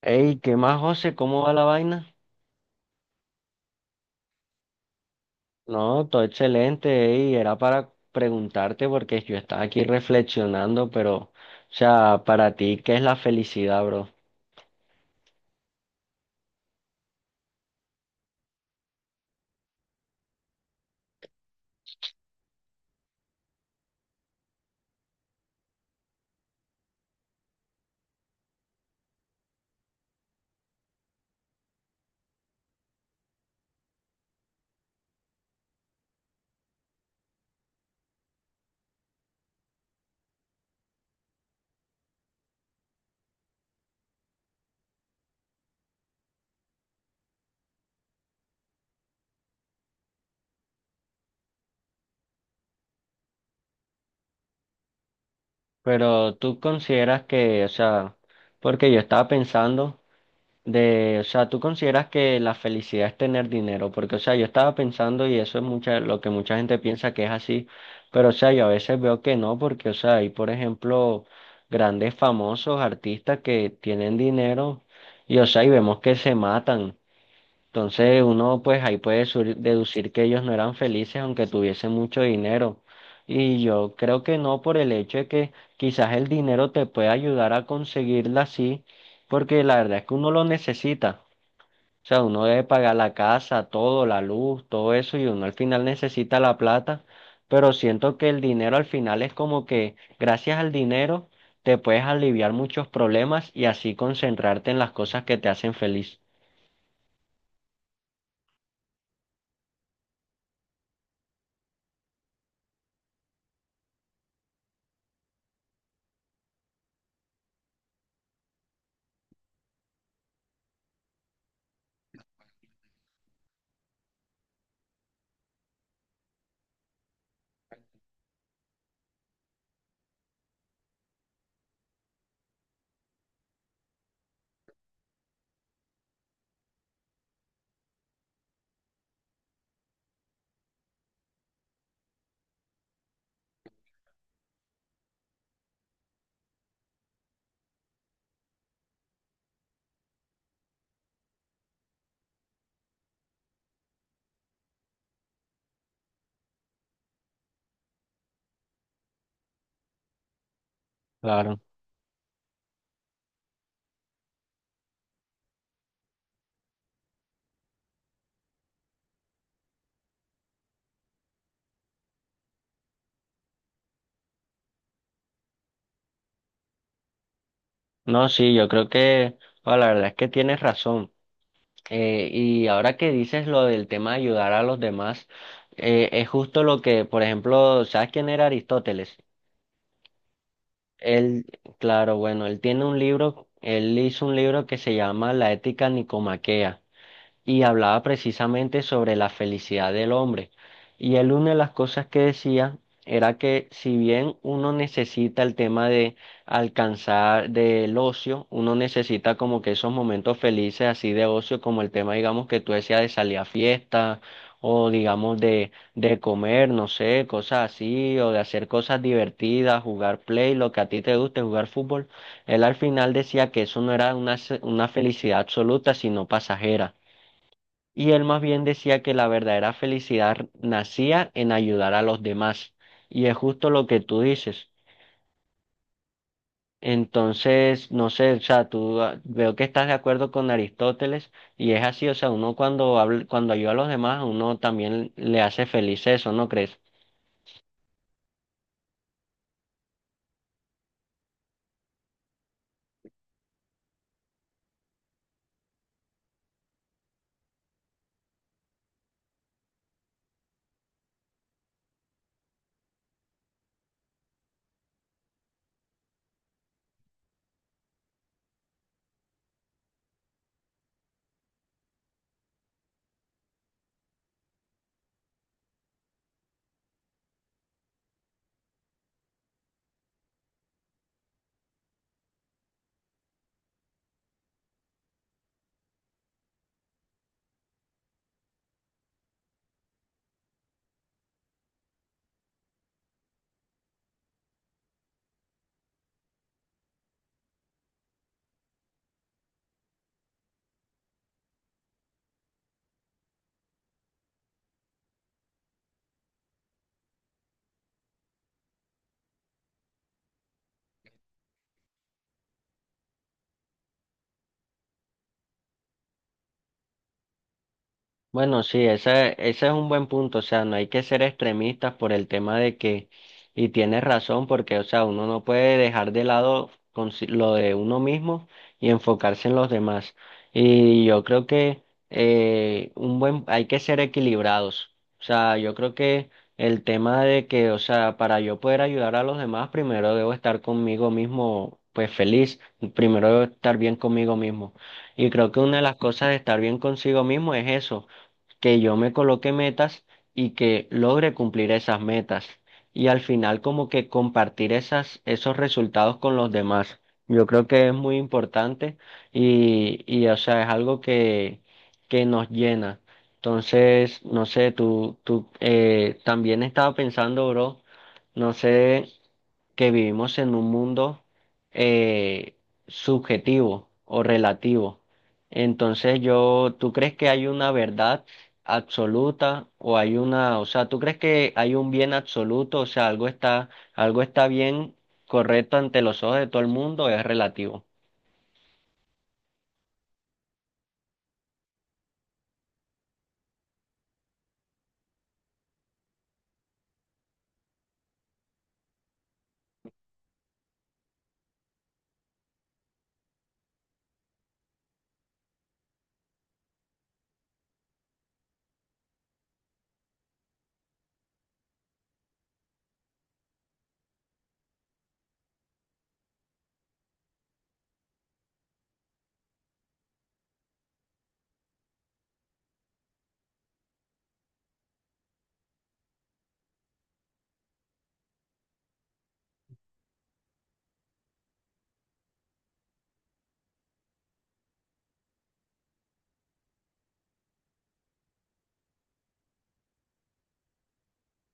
Ey, ¿qué más, José? ¿Cómo va la vaina? No, todo excelente, ey, era para preguntarte porque yo estaba aquí reflexionando, pero, o sea, para ti, ¿qué es la felicidad, bro? Pero tú consideras que, o sea, porque yo estaba pensando o sea, tú consideras que la felicidad es tener dinero, porque, o sea, yo estaba pensando y eso es lo que mucha gente piensa que es así, pero, o sea, yo a veces veo que no, porque, o sea, hay, por ejemplo, grandes famosos artistas que tienen dinero y, o sea, y vemos que se matan. Entonces uno pues ahí puede deducir que ellos no eran felices aunque tuviesen mucho dinero. Y yo creo que no, por el hecho de que quizás el dinero te puede ayudar a conseguirla así, porque la verdad es que uno lo necesita. O sea, uno debe pagar la casa, todo, la luz, todo eso, y uno al final necesita la plata. Pero siento que el dinero al final es como que gracias al dinero te puedes aliviar muchos problemas y así concentrarte en las cosas que te hacen feliz. Claro. No, sí, yo creo que, bueno, la verdad es que tienes razón. Y ahora que dices lo del tema de ayudar a los demás, es justo lo que, por ejemplo, ¿sabes quién era Aristóteles? Él, claro, bueno, él tiene un libro, él hizo un libro que se llama La Ética Nicomaquea y hablaba precisamente sobre la felicidad del hombre. Y él, una de las cosas que decía era que si bien uno necesita el tema de alcanzar del ocio, uno necesita como que esos momentos felices así de ocio, como el tema, digamos, que tú decías de salir a fiesta o digamos de comer, no sé, cosas así, o de hacer cosas divertidas, jugar play, lo que a ti te guste, jugar fútbol. Él al final decía que eso no era una felicidad absoluta, sino pasajera, y él más bien decía que la verdadera felicidad nacía en ayudar a los demás. Y es justo lo que tú dices. Entonces, no sé, o sea, tú veo que estás de acuerdo con Aristóteles y es así, o sea, uno cuando cuando ayuda a los demás, a uno también le hace feliz eso, ¿no crees? Bueno, sí, ese es un buen punto, o sea, no hay que ser extremistas por el tema de que, y tienes razón, porque, o sea, uno no puede dejar de lado lo de uno mismo y enfocarse en los demás. Y yo creo que hay que ser equilibrados. O sea, yo creo que el tema de que, o sea, para yo poder ayudar a los demás, primero debo estar conmigo mismo, pues feliz, primero debo estar bien conmigo mismo. Y creo que una de las cosas de estar bien consigo mismo es eso, que yo me coloque metas y que logre cumplir esas metas. Y al final, como que compartir esos resultados con los demás. Yo creo que es muy importante y o sea, es algo que nos llena. Entonces, no sé, tú también estaba pensando, bro, no sé, que vivimos en un mundo eh, subjetivo o relativo. Entonces ¿tú crees que hay una verdad absoluta o hay una, o sea, ¿tú crees que hay un bien absoluto? O sea, algo está bien, correcto ante los ojos de todo el mundo, o es relativo.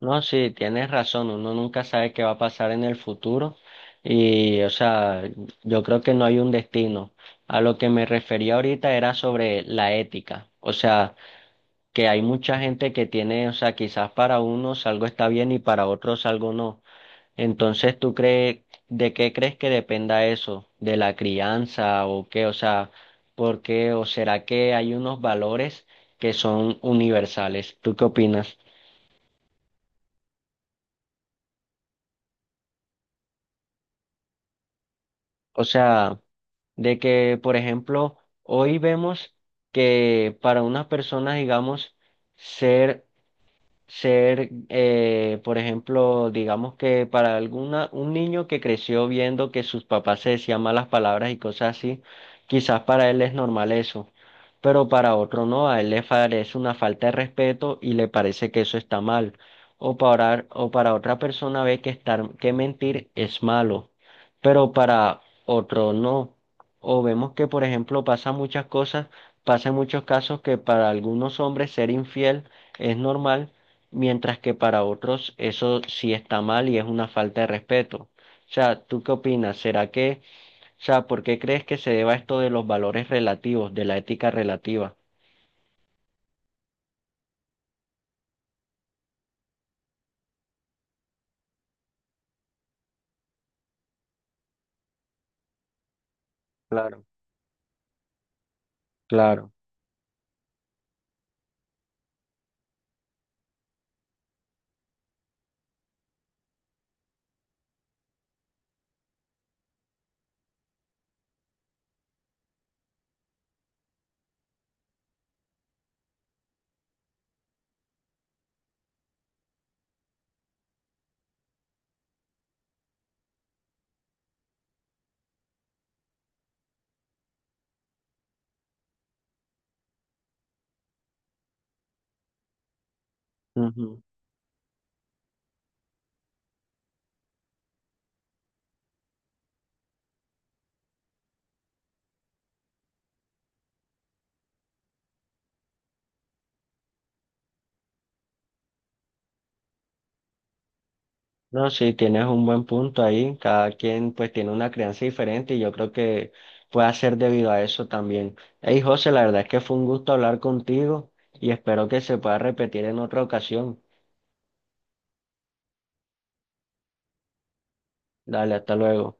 No, sí, tienes razón, uno nunca sabe qué va a pasar en el futuro y, o sea, yo creo que no hay un destino. A lo que me refería ahorita era sobre la ética. O sea, que hay mucha gente que tiene, o sea, quizás para unos algo está bien y para otros algo no. Entonces, ¿ de qué crees que dependa eso? ¿De la crianza o qué? O sea, ¿por qué? ¿O será que hay unos valores que son universales? ¿Tú qué opinas? O sea, de que, por ejemplo, hoy vemos que para unas personas, digamos, ser ser, por ejemplo, digamos que para un niño que creció viendo que sus papás se decían malas palabras y cosas así, quizás para él es normal eso, pero para otro no, a él le parece una falta de respeto y le parece que eso está mal. O para otra persona ve que que mentir es malo, pero para otro no. O vemos que, por ejemplo, pasa muchas cosas, pasa en muchos casos, que para algunos hombres ser infiel es normal, mientras que para otros eso sí está mal y es una falta de respeto. O sea, ¿tú qué opinas? ¿Será que, o sea, por qué crees que se deba esto de los valores relativos, de la ética relativa? Claro, claro. Ujú. No, sí, tienes un buen punto ahí. Cada quien pues tiene una crianza diferente y yo creo que puede ser debido a eso también. Hey, José, la verdad es que fue un gusto hablar contigo y espero que se pueda repetir en otra ocasión. Dale, hasta luego.